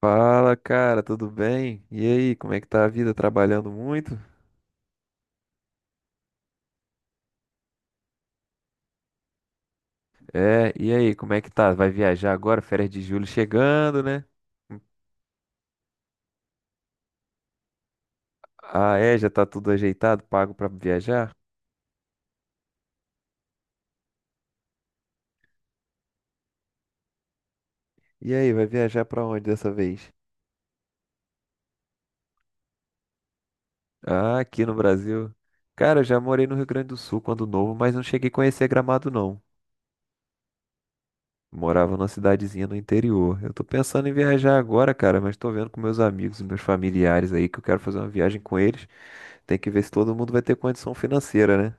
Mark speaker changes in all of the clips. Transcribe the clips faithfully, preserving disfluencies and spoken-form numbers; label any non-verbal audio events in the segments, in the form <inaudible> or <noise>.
Speaker 1: Fala, cara, tudo bem? E aí, como é que tá a vida? Trabalhando muito? É, e aí, como é que tá? Vai viajar agora? Férias de julho chegando, né? Ah, é, já tá tudo ajeitado, pago pra viajar? E aí, vai viajar pra onde dessa vez? Ah, aqui no Brasil. Cara, eu já morei no Rio Grande do Sul quando novo, mas não cheguei a conhecer Gramado, não. Morava numa cidadezinha no interior. Eu tô pensando em viajar agora, cara, mas tô vendo com meus amigos, meus familiares aí, que eu quero fazer uma viagem com eles. Tem que ver se todo mundo vai ter condição financeira, né?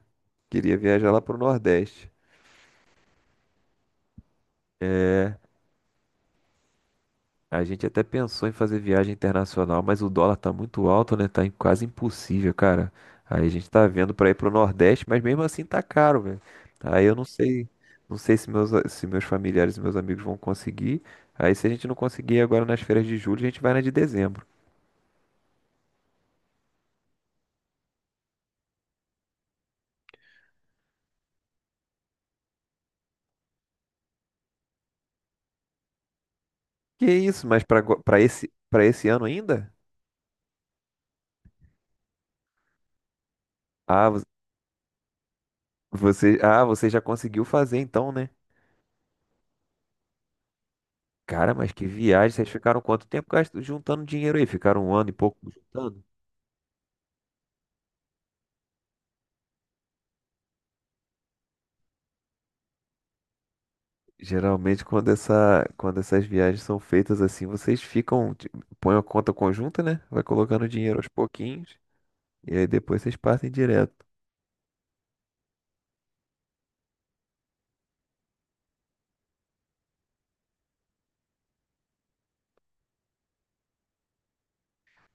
Speaker 1: Queria viajar lá pro Nordeste. A gente até pensou em fazer viagem internacional, mas o dólar tá muito alto, né? Tá em- quase impossível, cara. Aí a gente tá vendo pra ir pro Nordeste, mas mesmo assim tá caro, velho. Aí eu não sei, não sei se meus, se meus familiares e meus amigos vão conseguir. Aí se a gente não conseguir agora nas férias de julho, a gente vai na de dezembro. Que isso? Mas pra, ago- pra esse, pra esse ano ainda? Ah, vo- você, ah, você já conseguiu fazer então, né? Cara, mas que viagem. Vocês ficaram quanto tempo gasto- juntando dinheiro aí? Ficaram um ano e pouco juntando? Geralmente, quando essa, quando essas viagens são feitas assim, vocês ficam, ti- põem a conta conjunta, né? Vai colocando dinheiro aos pouquinhos e aí depois vocês partem direto.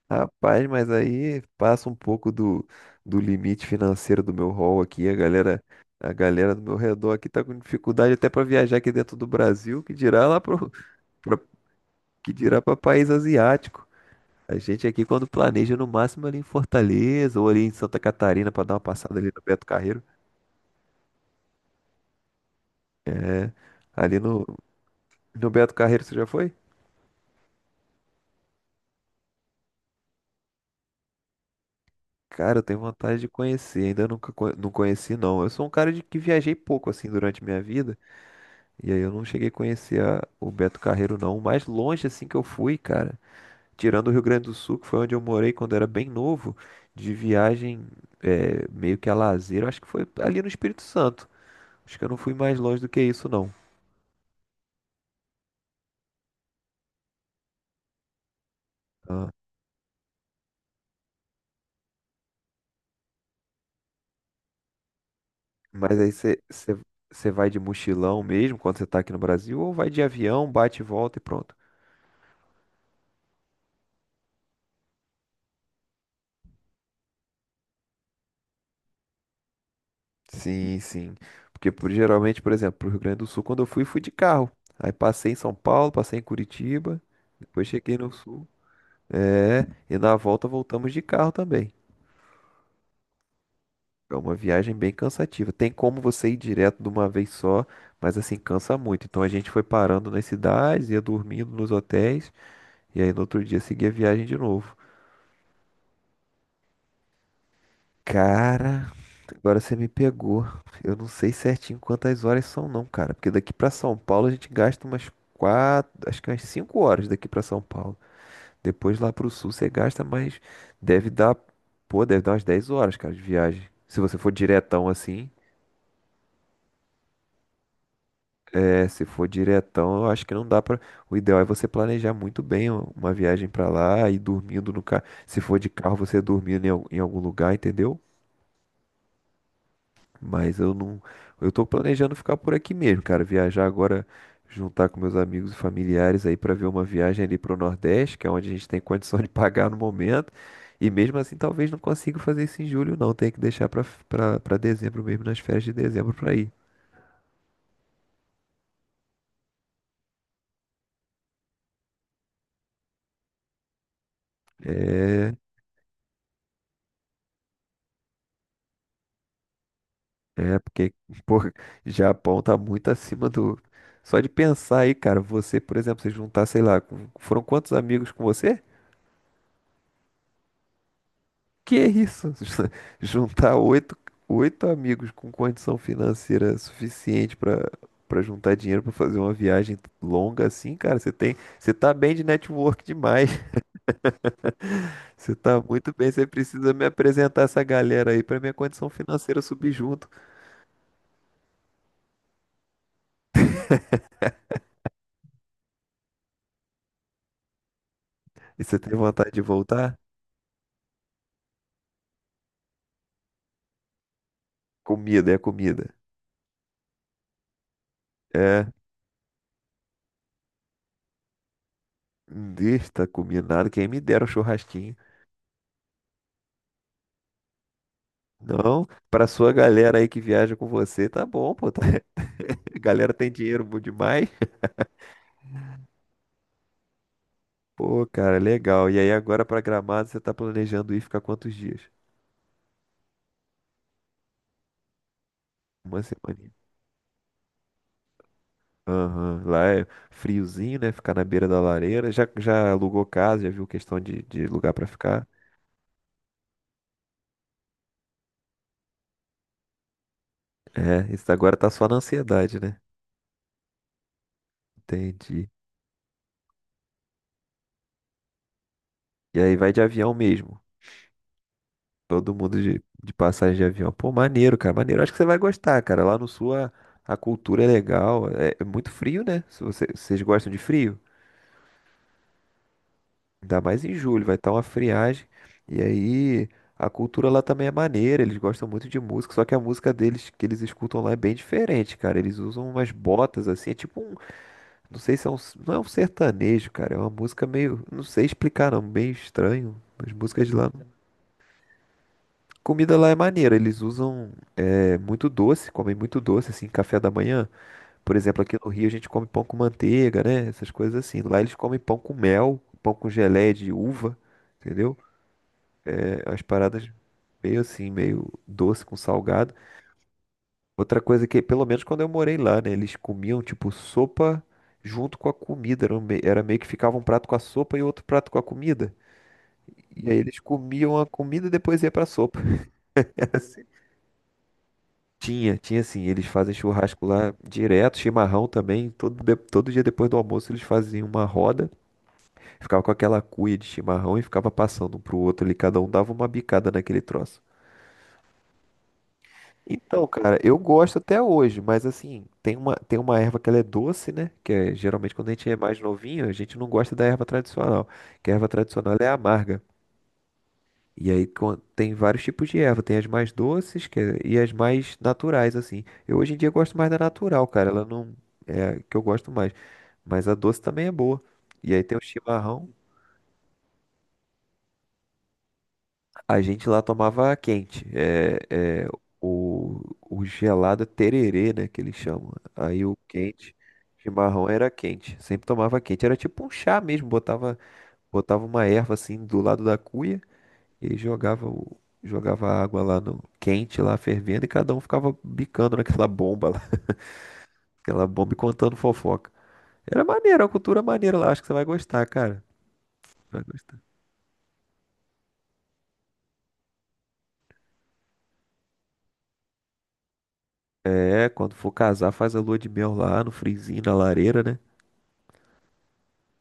Speaker 1: Rapaz, mas aí passa um pouco do, do limite financeiro do meu hall aqui. A galera, a galera do meu redor aqui tá com dificuldade até para viajar aqui dentro do Brasil, que dirá lá pro, <laughs> pra- que dirá para país asiático. A gente aqui, quando planeja, no máximo ali em Fortaleza ou ali em Santa Catarina pra dar uma passada ali no Beto Carreiro. Ali no, no Beto Carreiro, você já foi? Cara, eu tenho vontade de conhecer, ainda nunca co- não conheci, não. Eu sou um cara de que viajei pouco assim durante minha vida, e aí eu não cheguei a conhecer a- o Beto Carreiro, não. O mais longe assim que eu fui, cara, tirando o Rio Grande do Sul, que foi onde eu morei quando era bem novo, de viagem é, meio que a lazer, eu acho que foi ali no Espírito Santo. Acho que eu não fui mais longe do que isso, não. Ah, Mas aí você você- você vai de mochilão mesmo quando você tá aqui no Brasil, ou vai de avião, bate e volta e pronto? Sim, sim. Porque por- geralmente, por exemplo, pro Rio Grande do Sul, quando eu fui, fui de carro. Aí passei em São Paulo, passei em Curitiba, depois cheguei no Sul. É, e na volta voltamos de carro também. É uma viagem bem cansativa. Tem como você ir direto de uma vez só, mas assim, cansa muito. Então a gente foi parando nas cidades, ia dormindo nos hotéis, e aí no outro dia seguia a viagem de novo. Cara. Agora você me pegou. Eu não sei certinho quantas horas são, não, cara, porque daqui pra São Paulo a gente gasta umas quatro, acho que umas cinco horas daqui pra São Paulo. Depois lá pro sul você gasta mais, deve dar, pô, deve dar umas dez horas, cara, de viagem. Se você for diretão assim, é, se for diretão, eu acho que não dá pra. O ideal é você planejar muito bem uma viagem pra lá e dormindo no carro. Se for de carro, você dormindo em al- em algum lugar, entendeu? Mas eu não. Eu tô planejando ficar por aqui mesmo, cara. Viajar agora, juntar com meus amigos e familiares aí pra ver uma viagem ali pro Nordeste, que é onde a gente tem condição <laughs> de pagar no momento. E mesmo assim, talvez não consiga fazer isso em julho, não. Tem que deixar pra, pra, pra dezembro mesmo, nas férias de dezembro pra ir. É, é porque, <laughs> pô, Japão tá muito acima do. Só de pensar aí, cara, você, por exemplo, se juntar, sei lá, com- foram quantos amigos com você? Que é isso? <laughs> Juntar oito, oito amigos com condição financeira suficiente para para juntar dinheiro para fazer uma viagem longa assim, cara, você tem, você tá bem de network demais. <laughs> Você tá muito bem, você precisa me apresentar essa galera aí para minha condição financeira subir junto. E você tem vontade de voltar? Comida, é comida. É, está combinado, quem me dera um churrasquinho. Não, para sua galera aí que viaja com você, tá bom, pô. tá- <laughs> A galera tem dinheiro bom demais. Pô, cara, legal. E aí agora pra Gramado você tá planejando ir ficar quantos dias? Uma semana. Aham. Lá é friozinho, né? Ficar na beira da lareira. Já, já alugou casa, já viu questão de, de lugar pra ficar. É, isso agora tá só na ansiedade, né? Entendi. E aí vai de avião mesmo. Todo mundo de, de passagem de avião. Pô, maneiro, cara, maneiro. Acho que você vai gostar, cara. Lá no sul a, a cultura é legal. É, é muito frio, né? Se você- Vocês gostam de frio? Ainda mais em julho, vai estar uma friagem. E aí a cultura lá também é maneira, eles gostam muito de música, só que a música deles que eles escutam lá é bem diferente, cara. Eles usam umas botas assim, é tipo um, não sei se é um, não é um sertanejo, cara, é uma música meio, não sei explicar, não, bem estranho. As músicas de lá. Comida lá é maneira, eles usam é, muito doce, comem muito doce, assim, café da manhã. Por exemplo, aqui no Rio a gente come pão com manteiga, né? Essas coisas assim. Lá eles comem pão com mel, pão com geleia de uva, entendeu? Umas paradas meio assim, meio doce com salgado. Outra coisa que, pelo menos quando eu morei lá, né, eles comiam tipo sopa junto com a comida. Era, um me- era meio que ficava um prato com a sopa e outro prato com a comida. E aí eles comiam a comida e depois ia pra sopa. Tinha, tinha assim, eles fazem churrasco lá direto, chimarrão também. Todo, de- todo dia depois do almoço eles faziam uma roda, ficava com aquela cuia de chimarrão e ficava passando um pro outro ali, cada um dava uma bicada naquele troço. Então, cara, eu gosto até hoje, mas assim, tem uma, tem uma erva que ela é doce, né? Que é, geralmente quando a gente é mais novinho, a gente não gosta da erva tradicional, que a erva tradicional é amarga. E aí quan- tem vários tipos de erva, tem as mais doces que é- e as mais naturais, assim. Eu hoje em dia gosto mais da natural, cara, ela não é a que eu gosto mais, mas a doce também é boa. E aí tem o chimarrão. A gente lá tomava quente. É, é, o, o gelado é tererê, né, que eles chamam. Aí o quente, chimarrão era quente. Sempre tomava quente. Era tipo um chá mesmo. Botava, botava uma erva assim do lado da cuia e jogava o, jogava a água lá no quente, lá fervendo, e cada um ficava bicando naquela bomba lá, <laughs> aquela bomba e contando fofoca. Era maneiro, era uma cultura maneira lá. Acho que você vai gostar, cara. Vai gostar. É, quando for casar, faz a lua de mel lá no frizinho, na lareira, né?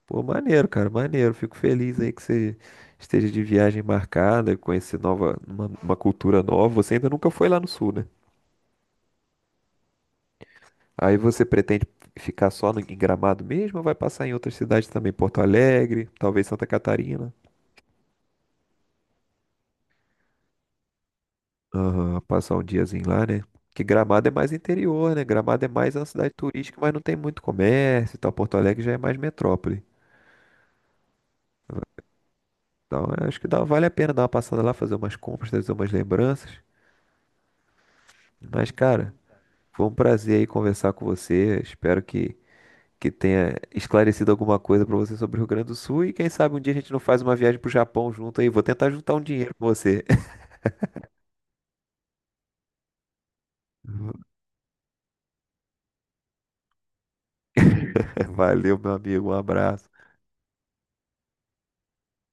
Speaker 1: Pô, maneiro, cara, maneiro. Fico feliz aí que você esteja de viagem marcada, conhecer nova, uma, uma cultura nova. Você ainda nunca foi lá no sul, né? Aí você pretende ficar só no, em Gramado mesmo ou vai passar em outras cidades também? Porto Alegre, talvez Santa Catarina. Aham, passar um diazinho lá, né? Que Gramado é mais interior, né? Gramado é mais uma cidade turística, mas não tem muito comércio e tal. Porto Alegre já é mais metrópole. Então, eu acho que dá, vale a pena dar uma passada lá, fazer umas compras, trazer umas lembranças. Mas, cara. Foi um prazer aí conversar com você. Espero que, que tenha esclarecido alguma coisa para você sobre o Rio Grande do Sul. E quem sabe um dia a gente não faz uma viagem pro Japão junto aí. Vou tentar juntar um dinheiro com você. <laughs> Valeu, meu amigo. Um abraço.